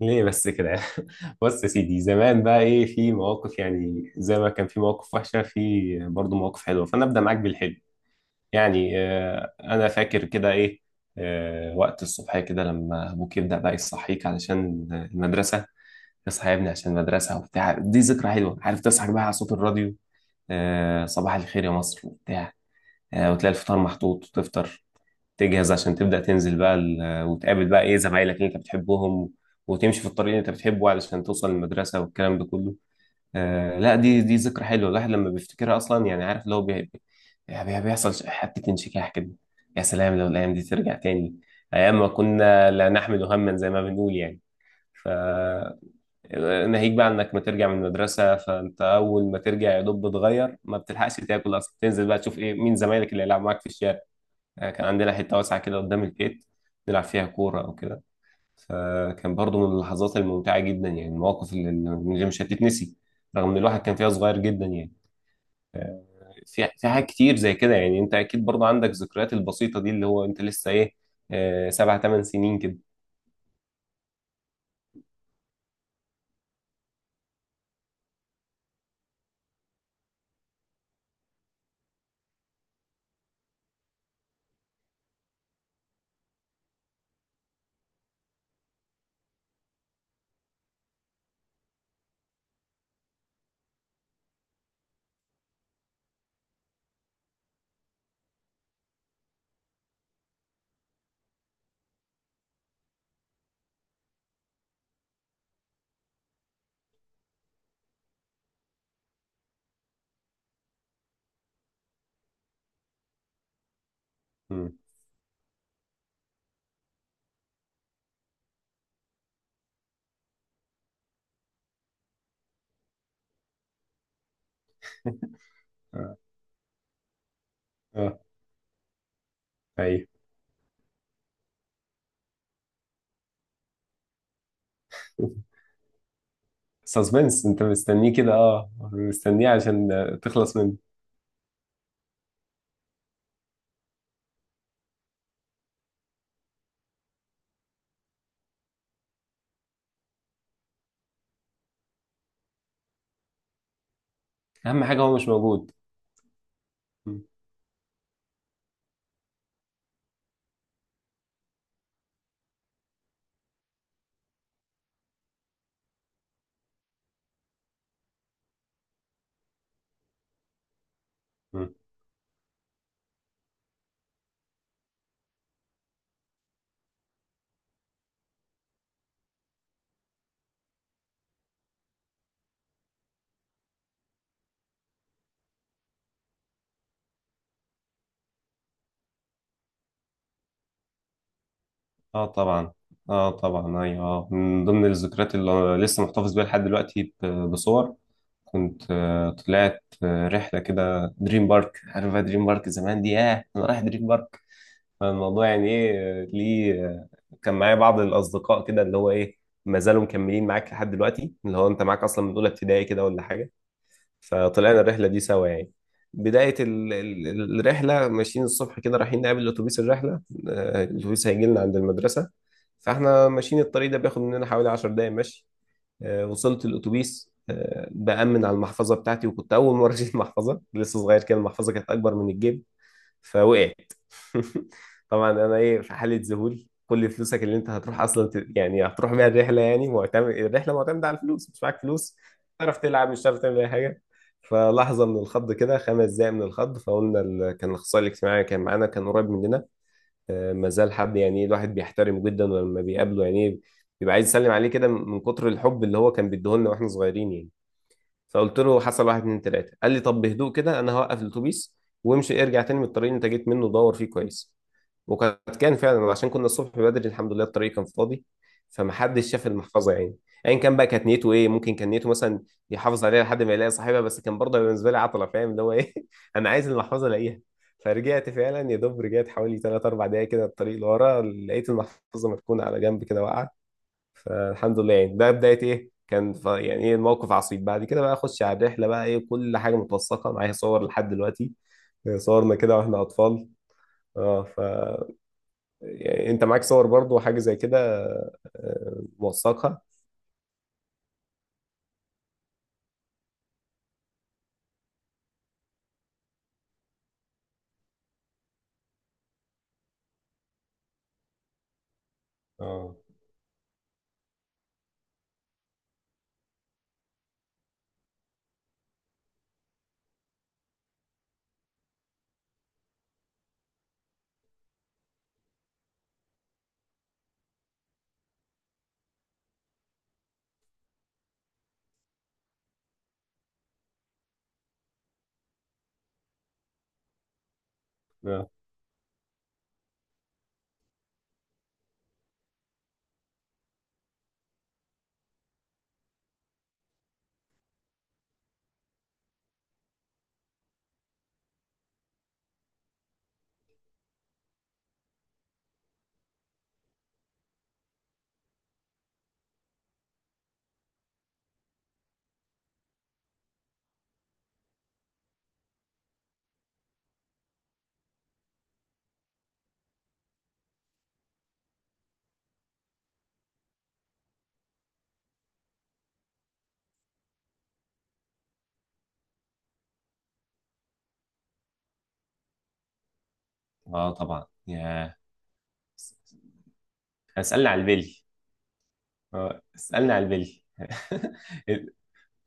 ليه بس كده؟ بص يا سيدي، زمان بقى ايه، في مواقف يعني زي ما كان في مواقف وحشه، في برضه مواقف حلوه، فانا ابدا معاك بالحلو. يعني انا فاكر كده ايه. وقت الصبح كده لما ابوك يبدا بقى يصحيك علشان المدرسه، اصحى يا ابني عشان المدرسه وبتاع، دي ذكرى حلوه، عارف تصحى بقى على صوت الراديو، صباح الخير يا مصر وبتاع. وتلاقي الفطار محطوط وتفطر، تجهز عشان تبدأ تنزل بقى، وتقابل بقى ايه زمايلك اللي انت بتحبهم، وتمشي في الطريق اللي انت بتحبه علشان توصل المدرسة والكلام ده كله. لا، دي ذكرى حلوة الواحد لما بيفتكرها أصلا، يعني عارف اللي هو بيحصل حتة انشكاح كده. يا سلام لو الأيام دي ترجع تاني، أيام ما كنا لا نحمل هما زي ما بنقول يعني. ف ناهيك بقى انك ما ترجع من المدرسه، فانت اول ما ترجع يا دوب بتغير، ما بتلحقش تاكل اصلا، تنزل بقى تشوف ايه مين زمايلك اللي هيلعب معاك في الشارع. كان عندنا حتة واسعة كده قدام البيت، نلعب فيها كورة أو كده. فكان برضو من اللحظات الممتعة جدا يعني، المواقف اللي مش هتتنسي، رغم إن الواحد كان فيها صغير جدا يعني. آه، في حاجات كتير زي كده، يعني أنت أكيد برضو عندك ذكريات البسيطة دي، اللي هو أنت لسه إيه، سبع تمن سنين كده. مم. اه. آه، ايوه. سسبنس، أنت مستنيه كده، أه مستنيه عشان تخلص منه، أهم حاجة هو مش موجود. مم. اه طبعا. اه طبعا ايوه من ضمن الذكريات اللي لسه محتفظ بيها لحد دلوقتي، بصور. كنت طلعت رحله كده دريم بارك، عارف بقى دريم بارك زمان دي، ياه انا رايح دريم بارك. الموضوع يعني ايه، ليه كان معايا بعض الاصدقاء كده، اللي هو ايه ما زالوا مكملين معاك لحد دلوقتي، اللي هو انت معاك اصلا من اولى ابتدائي كده ولا حاجه. فطلعنا الرحلة دي سوا يعني. بداية الرحلة، ماشيين الصبح كده رايحين نقابل أتوبيس الرحلة. الأتوبيس هيجي لنا عند المدرسة، فاحنا ماشيين الطريق ده بياخد مننا حوالي 10 دقايق مشي. وصلت الأتوبيس، بأمن على المحفظة بتاعتي، وكنت أول مرة أشيل محفظة، لسه صغير كده المحفظة كانت أكبر من الجيب، فوقعت. طبعا انا ايه، في حاله ذهول، كل فلوسك اللي انت هتروح اصلا يعني هتروح بيها الرحله، يعني معتمد الرحله معتمده على الفلوس، مش معاك فلوس تعرف تلعب، مش هتعرف تعمل اي حاجه. فلحظه من الخض كده، خمس دقايق من الخض، فقلنا كان الاخصائي الاجتماعي كان معانا، كان قريب مننا، ما زال حد يعني الواحد بيحترمه جدا، ولما بيقابله يعني بيبقى عايز يسلم عليه كده من كتر الحب اللي هو كان بيديهولنا واحنا صغيرين يعني. فقلت له حصل واحد اتنين تلاته، قال لي طب بهدوء كده انا هوقف الاتوبيس، وامشي ارجع تاني من الطريق اللي انت جيت منه دور فيه كويس. كان فعلا، عشان كنا الصبح بدري الحمد لله الطريق كان فاضي، فمحدش شاف المحفظه يعني. ايا كان بقى كانت نيته ايه، ممكن كان نيته مثلا يحافظ عليها لحد ما يلاقي صاحبها، بس كان برضه بالنسبه لي عطله، فاهم اللي هو ايه. انا عايز المحفظه الاقيها. فرجعت فعلا، يا دوب رجعت حوالي 3 4 دقايق كده الطريق لورا، لقيت المحفظه مركونه على جنب كده واقعه. فالحمد لله يعني، ده بداية ايه كان، يعني ايه الموقف عصيب، بعد كده بقى اخش على الرحلة بقى، ايه كل حاجة متوثقة معايا صور لحد دلوقتي. صورنا كده واحنا اطفال. اه. يعني انت معاك صور برضو وحاجة زي كده، موثقها. اه اه اه طبعا يا. اسألني على البلي. اه اسألني على البلي.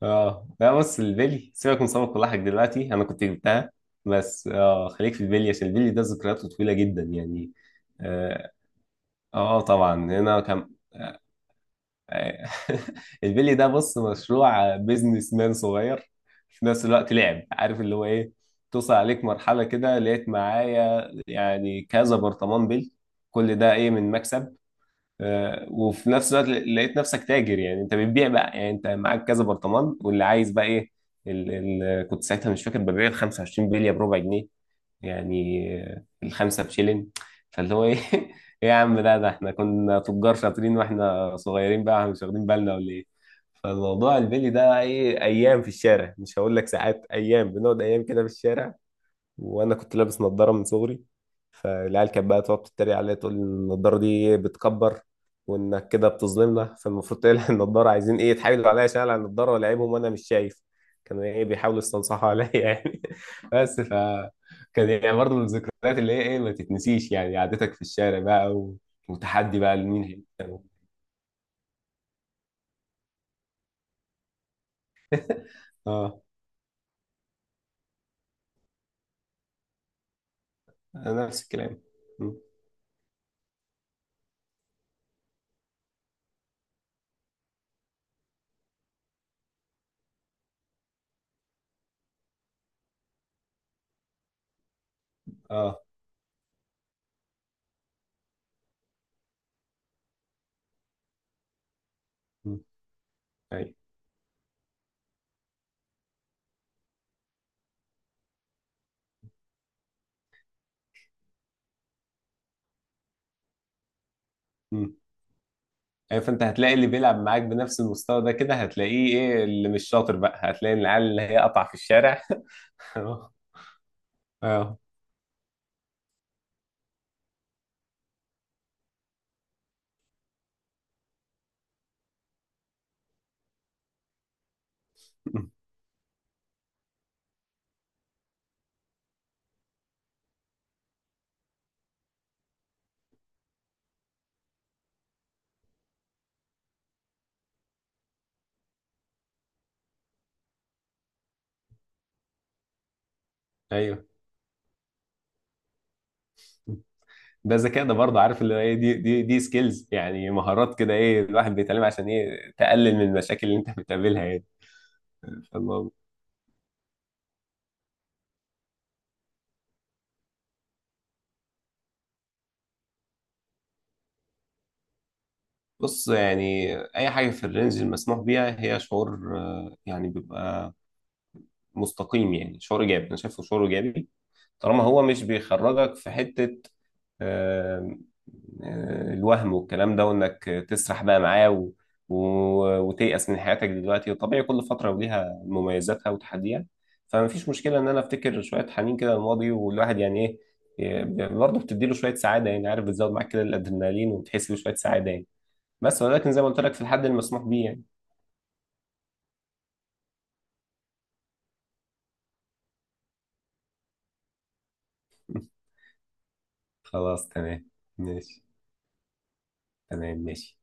اه لا، بص، البلي سيبك من سمك ولاحك دلوقتي، انا كنت جبتها. بس اه خليك في البلي عشان البلي ده ذكرياته طويلة جدا يعني، اه طبعا. هنا كان. البلي ده بص مشروع بيزنس مان صغير، في نفس الوقت لعب، عارف اللي هو ايه. توصل عليك مرحلة كده، لقيت معايا يعني كذا برطمان بلي، كل ده ايه من مكسب. وفي نفس الوقت لقيت نفسك تاجر، يعني انت بتبيع بقى، يعني انت معاك كذا برطمان واللي عايز بقى ايه، ال كنت ساعتها مش فاكر ببيع ال 25 بلية بربع جنيه، يعني الخمسة بشيلين. فاللي هو ايه. ايه يا عم، ده احنا كنا تجار شاطرين واحنا صغيرين بقى، احنا مش واخدين بالنا ولا ايه؟ فالموضوع البيلي ده ايه، ايام في الشارع، مش هقول لك ساعات، ايام بنقعد ايام كده في الشارع. وانا كنت لابس نظاره من صغري، فالعيال كانت بقى تقعد تتريق عليا، تقول النضاره دي إيه، بتكبر، وانك كده بتظلمنا، فالمفروض تقلع النضاره. عايزين ايه، يتحايلوا عليا عشان اقلع النضاره ولاعبهم وانا مش شايف، كانوا ايه بيحاولوا يستنصحوا عليا يعني. بس كان يعني برضه من الذكريات اللي هي ايه ما تتنسيش، يعني قعدتك في الشارع بقى وتحدي بقى لمين هيكسب. اه. أنا نفس الكلام. م. اه. م. ايوه. إيه، فانت هتلاقي اللي بيلعب معاك بنفس المستوى ده، كده هتلاقيه ايه، اللي مش شاطر بقى هتلاقي العيال اللي هي قطع في الشارع. اه اه ايوه. ده ذكاء ده برضه، عارف اللي هو ايه، دي سكيلز، يعني مهارات كده ايه، الواحد بيتعلمها عشان ايه تقلل من المشاكل اللي انت بتقابلها يعني. فالله. بص، يعني اي حاجه في الرينج المسموح بيها هي شعور، يعني بيبقى مستقيم، يعني شعور ايجابي، انا شايفه شعور ايجابي، طالما هو مش بيخرجك في حتة آه، الوهم والكلام ده، وانك تسرح بقى معاه و... وتيأس من حياتك دلوقتي، وطبيعي كل فترة وليها مميزاتها وتحديها، فما فيش مشكلة ان انا افتكر شوية حنين كده الماضي، والواحد يعني ايه، برضه بتديله شوية سعادة يعني، عارف بتزود معاك كده الادرينالين وبتحس بشوية سعادة يعني. بس ولكن زي ما قلت لك في الحد المسموح بيه يعني. خلاص تمام. ماشي. تمام ماشي.